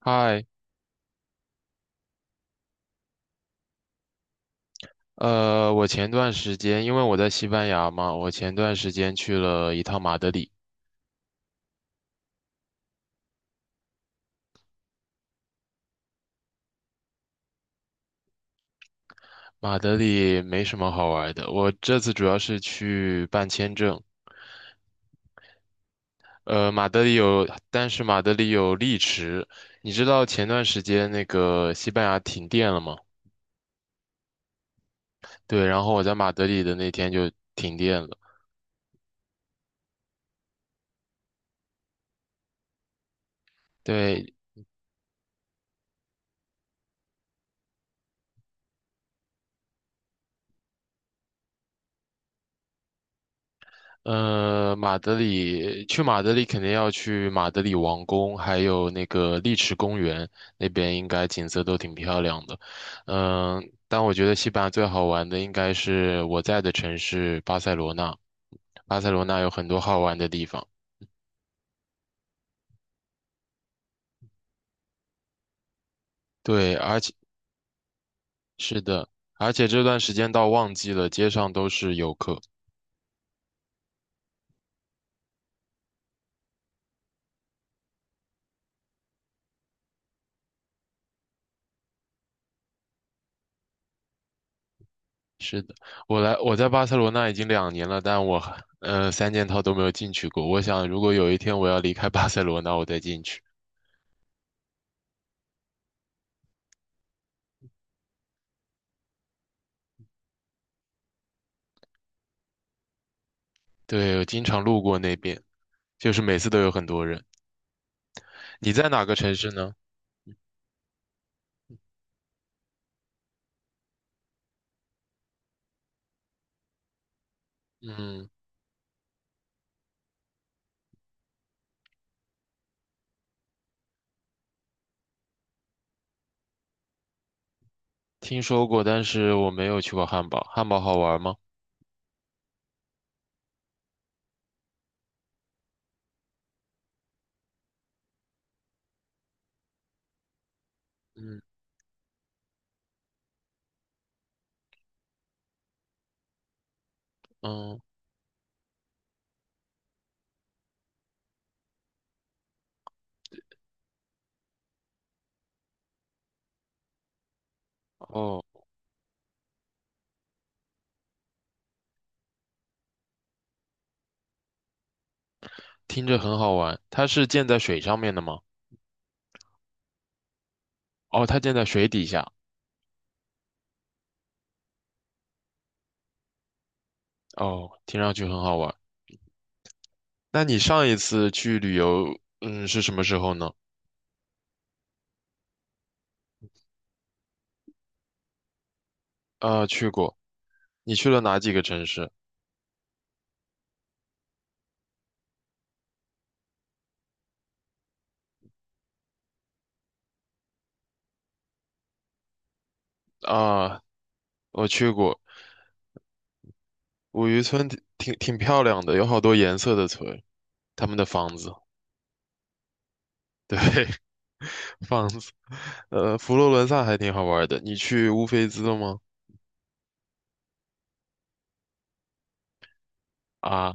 嗨，我前段时间因为我在西班牙嘛，我前段时间去了一趟马德里。马德里没什么好玩的，我这次主要是去办签证。马德里有，但是马德里有丽池。你知道前段时间那个西班牙停电了吗？对，然后我在马德里的那天就停电了。对，马德里，去马德里肯定要去马德里王宫，还有那个丽池公园，那边应该景色都挺漂亮的。嗯、但我觉得西班牙最好玩的应该是我在的城市巴塞罗那，巴塞罗那有很多好玩的地方。对，是的,而且这段时间到旺季了，街上都是游客。是的，我在巴塞罗那已经2年了，但我还三件套都没有进去过。我想，如果有一天我要离开巴塞罗那，我再进去。对，我经常路过那边，就是每次都有很多人。你在哪个城市呢？嗯，听说过，但是我没有去过汉堡。汉堡好玩吗？嗯嗯，哦，听着很好玩。它是建在水上面的吗？哦，它建在水底下。哦，听上去很好玩。那你上一次去旅游，是什么时候呢？去过。你去了哪几个城市啊？我去过五渔村挺漂亮的，有好多颜色的村，他们的房子，对，房子。佛罗伦萨还挺好玩的，你去乌菲兹了吗？啊，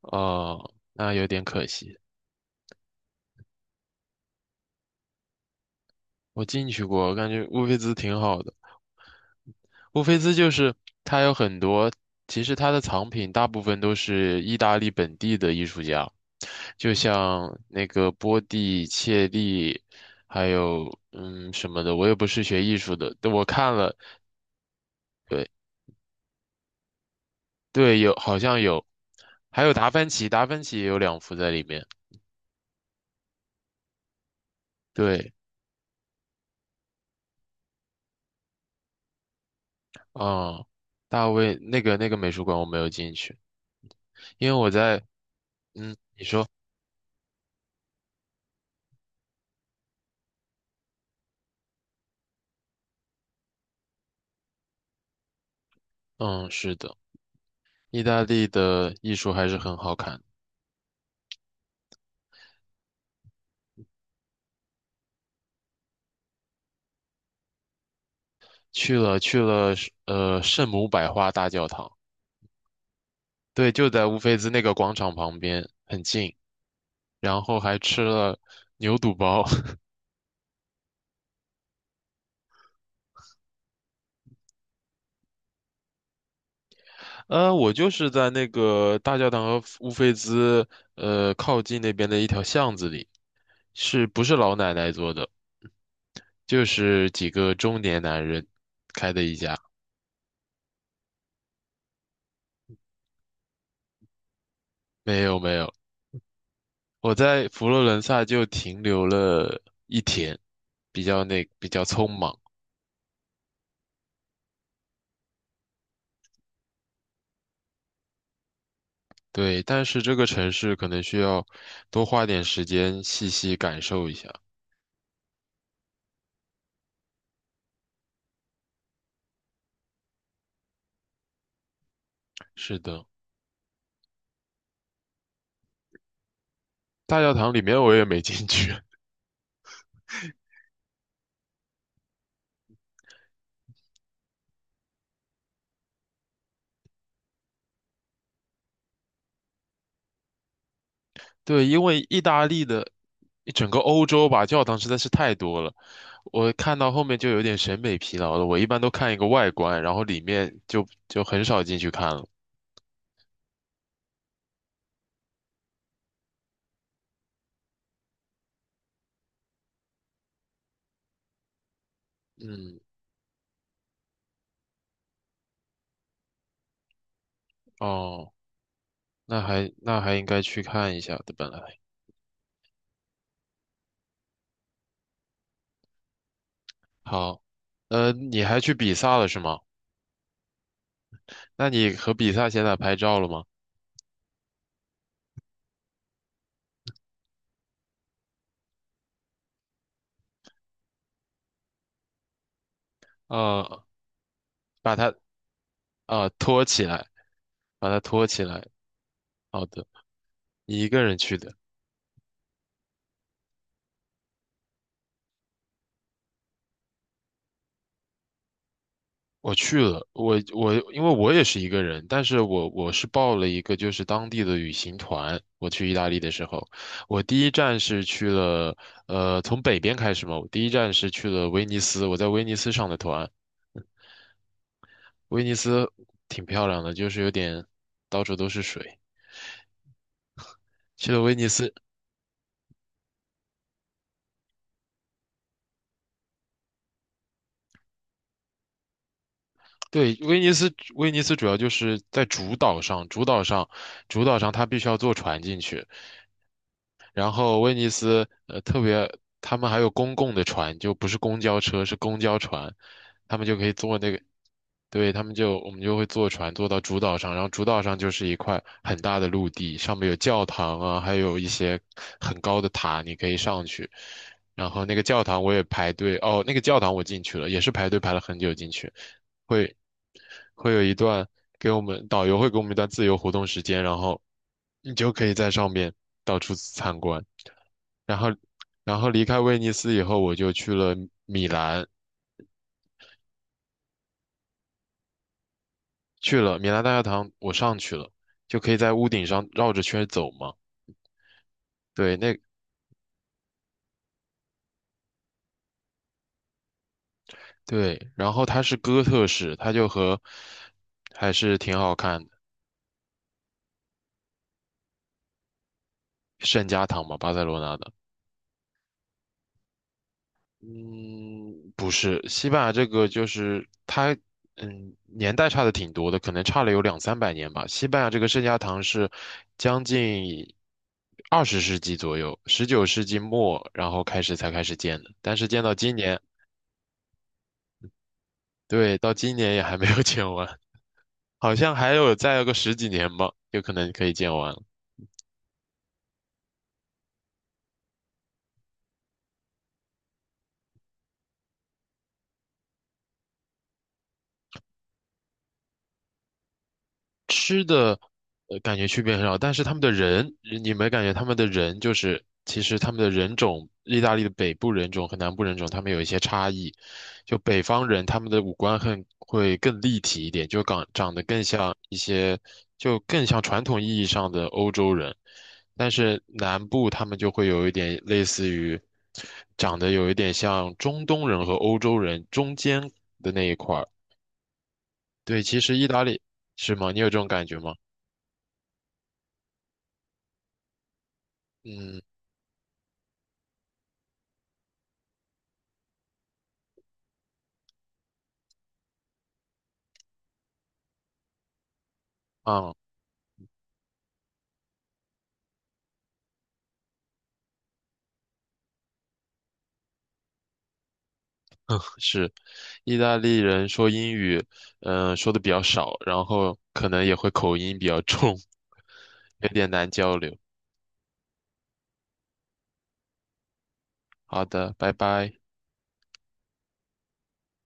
哦，那有点可惜。我进去过，我感觉乌菲兹挺好的。乌菲兹就是它有很多，其实它的藏品大部分都是意大利本地的艺术家。就像那个波蒂、切利，还有什么的，我也不是学艺术的，但我看了，对对，好像有，还有达芬奇，达芬奇也有2幅在里面，对，嗯，大卫那个美术馆我没有进去，因为我在。嗯，你说。嗯，是的，意大利的艺术还是很好看，去了去了圣母百花大教堂，对，就在乌菲兹那个广场旁边，很近。然后还吃了牛肚包。我就是在那个大教堂和乌菲兹靠近那边的一条巷子里，是不是老奶奶做的？就是几个中年男人。没有没有，我在佛罗伦萨就停留了一天，比较匆忙。对，但是这个城市可能需要多花点时间细细感受一下。是的，大教堂里面我也没进去。对，因为意大利的一整个欧洲吧，教堂实在是太多了，我看到后面就有点审美疲劳了。我一般都看一个外观，然后里面就很少进去看了。嗯，哦，那还应该去看一下的，本来。好，你还去比萨了是吗？那你和比萨现在拍照了吗？呃，把它托起来，把它托起来。好的，你一个人去的。我去了，我因为我也是一个人，但是我是报了一个就是当地的旅行团。我去意大利的时候，我第一站是去了，从北边开始嘛，我第一站是去了威尼斯，我在威尼斯上的团，威尼斯挺漂亮的，就是有点到处都是水。去了威尼斯，对，威尼斯主要就是在主岛上，它必须要坐船进去。然后威尼斯特别，他们还有公共的船，就不是公交车，是公交船，他们就可以坐那个，对，他们就我们就会坐船坐到主岛上，然后主岛上就是一块很大的陆地，上面有教堂啊，还有一些很高的塔，你可以上去。然后那个教堂我也排队，哦，那个教堂我进去了，也是排队排了很久进去。会会有一段给我们导游会给我们一段自由活动时间，然后你就可以在上面到处参观。然后，然后离开威尼斯以后，我就去了米兰，去了米兰大教堂，我上去了，就可以在屋顶上绕着圈儿走嘛。对，对，然后它是哥特式，它就和还是挺好看的，圣家堂嘛，巴塞罗那的。嗯，不是，西班牙这个就是它，年代差的挺多的，可能差了有两三百年吧。西班牙这个圣家堂是将近20世纪左右，19世纪末，然后才开始建的，但是建到今年，对，到今年也还没有 建完，好像再有个十几年吧，有可能可以建完。吃的，感觉区别很少，但是他们的人，你没感觉他们的人就是，其实他们的人种，意大利的北部人种和南部人种，他们有一些差异。就北方人，他们的五官很会更立体一点，就长得更像一些，就更像传统意义上的欧洲人。但是南部他们就会有一点类似于，长得有一点像中东人和欧洲人中间的那一块儿。对，其实意大利是吗？你有这种感觉吗？嗯。嗯，是，意大利人说英语，说的比较少，然后可能也会口音比较重，有点难交流。好的，拜拜。